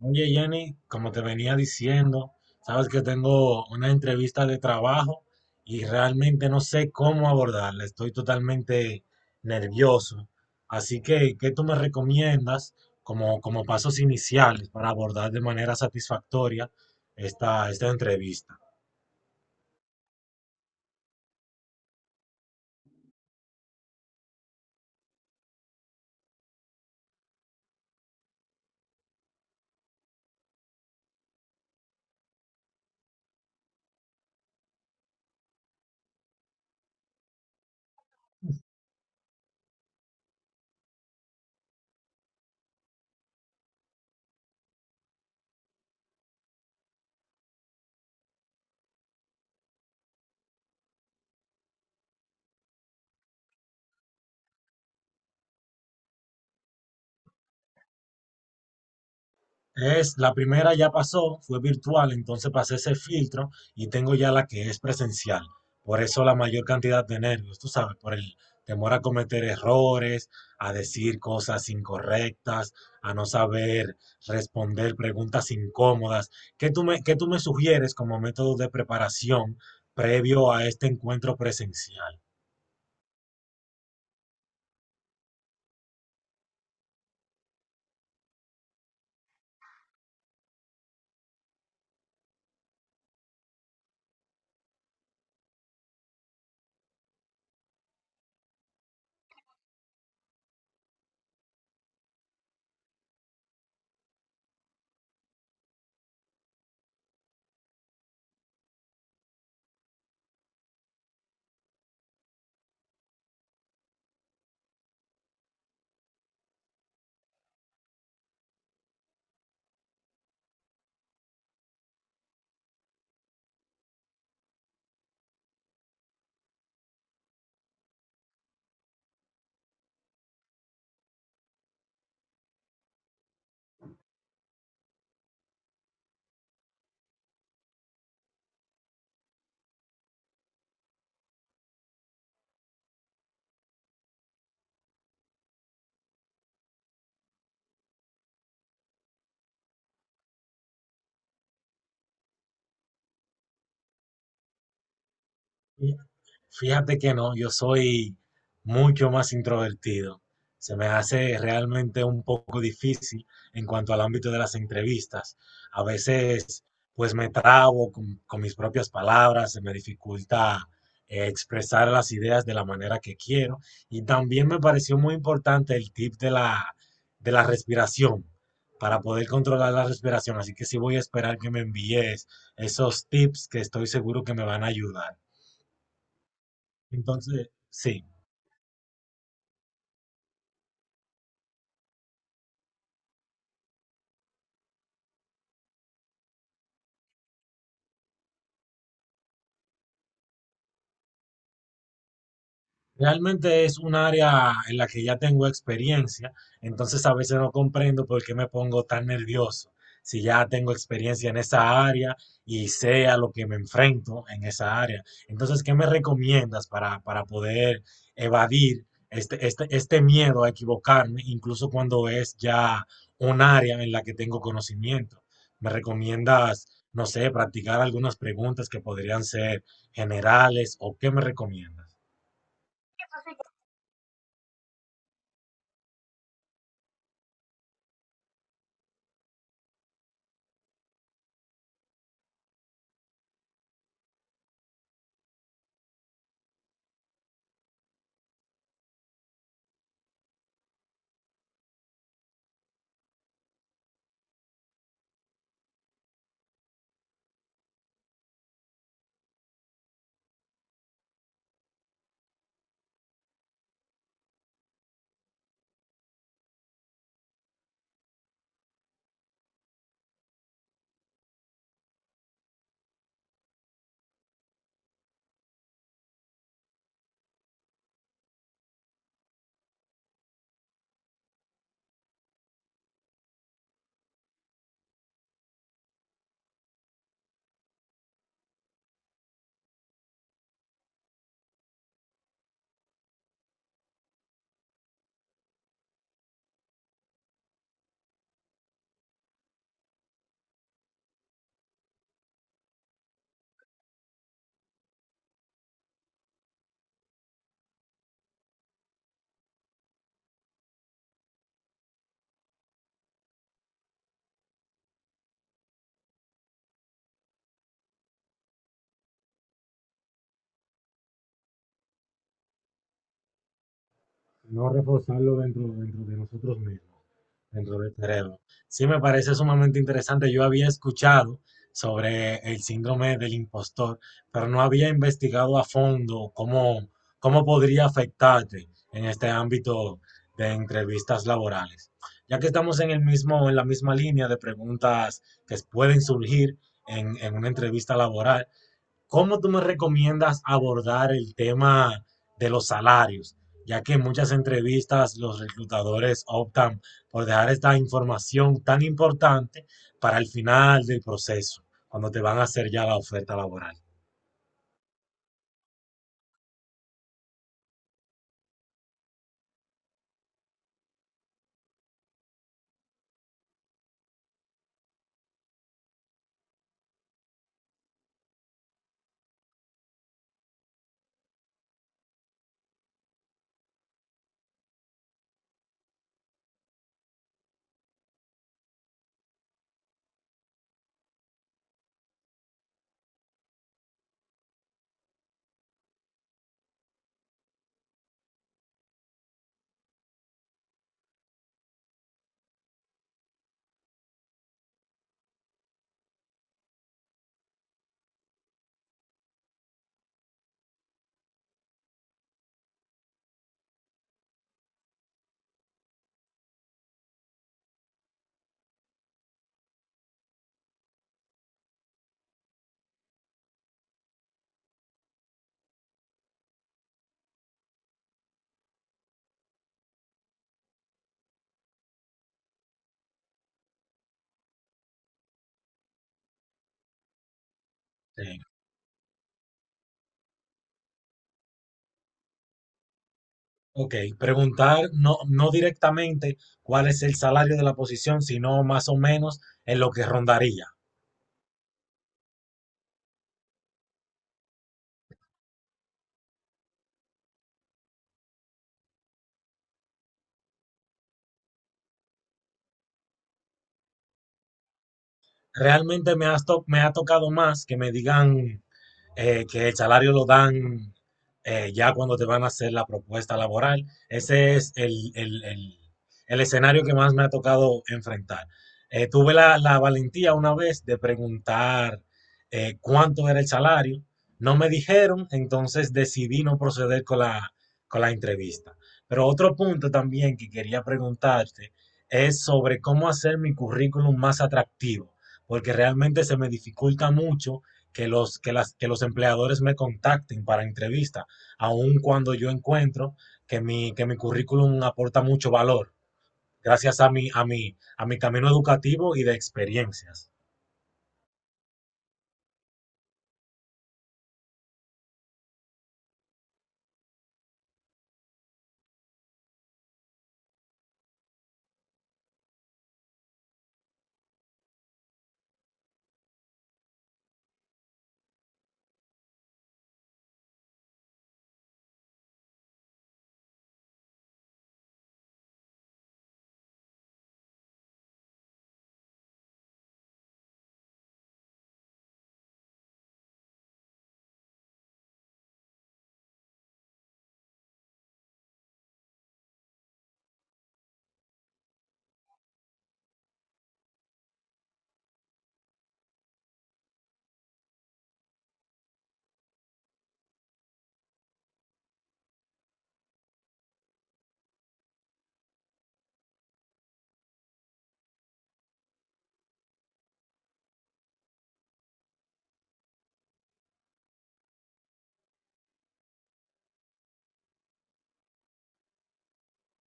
Oye, Jenny, como te venía diciendo, sabes que tengo una entrevista de trabajo y realmente no sé cómo abordarla. Estoy totalmente nervioso. Así que, ¿qué tú me recomiendas como, como pasos iniciales para abordar de manera satisfactoria esta entrevista? Es, la primera ya pasó, fue virtual, entonces pasé ese filtro y tengo ya la que es presencial. Por eso la mayor cantidad de nervios, tú sabes, por el temor a cometer errores, a decir cosas incorrectas, a no saber responder preguntas incómodas. ¿Qué tú me sugieres como método de preparación previo a este encuentro presencial? Y Fíjate que no, yo soy mucho más introvertido. Se me hace realmente un poco difícil en cuanto al ámbito de las entrevistas. A veces, pues me trabo con mis propias palabras, se me dificulta expresar las ideas de la manera que quiero. Y también me pareció muy importante el tip de la respiración, para poder controlar la respiración. Así que sí voy a esperar que me envíes esos tips que estoy seguro que me van a ayudar. Entonces, sí. Realmente es un área en la que ya tengo experiencia, entonces a veces no comprendo por qué me pongo tan nervioso. Si ya tengo experiencia en esa área y sé a lo que me enfrento en esa área. Entonces, ¿qué me recomiendas para poder evadir este miedo a equivocarme, incluso cuando es ya un área en la que tengo conocimiento? ¿Me recomiendas, no sé, practicar algunas preguntas que podrían ser generales o qué me recomiendas? No reforzarlo dentro de nosotros mismos, dentro del cerebro. Sí me parece sumamente interesante. Yo había escuchado sobre el síndrome del impostor, pero no había investigado a fondo cómo podría afectarte en este ámbito de entrevistas laborales. Ya que estamos en la misma línea de preguntas que pueden surgir en una entrevista laboral, ¿cómo tú me recomiendas abordar el tema de los salarios? Ya que en muchas entrevistas los reclutadores optan por dejar esta información tan importante para el final del proceso, cuando te van a hacer ya la oferta laboral. Eh, ok, preguntar no, no directamente cuál es el salario de la posición, sino más o menos en lo que rondaría. Realmente me, has to- Me ha tocado más que me digan que el salario lo dan ya cuando te van a hacer la propuesta laboral. Ese es el escenario que más me ha tocado enfrentar. Tuve la valentía una vez de preguntar cuánto era el salario. No me dijeron, entonces decidí no proceder con la entrevista. Pero otro punto también que quería preguntarte es sobre cómo hacer mi currículum más atractivo, porque realmente se me dificulta mucho que los empleadores me contacten para entrevista, aun cuando yo encuentro que mi currículum aporta mucho valor, gracias a mi camino educativo y de experiencias.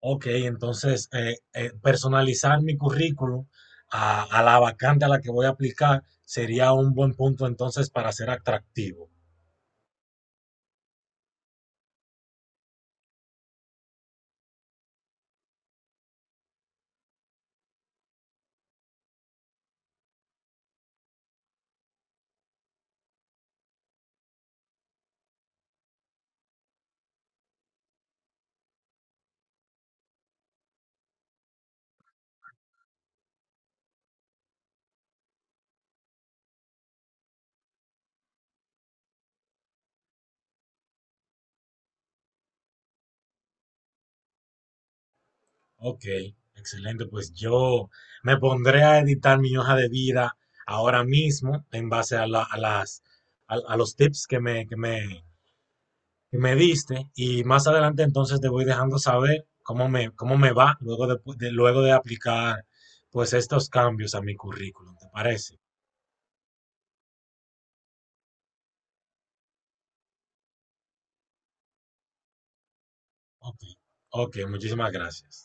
Ok, entonces personalizar mi currículum a la vacante a la que voy a aplicar sería un buen punto entonces para ser atractivo. Ok, excelente. Pues yo me pondré a editar mi hoja de vida ahora mismo en base a, la- a las, a los tips que me diste y más adelante entonces te voy dejando saber cómo me va luego de aplicar pues estos cambios a mi currículum, ¿te parece? Ok, ok, muchísimas gracias.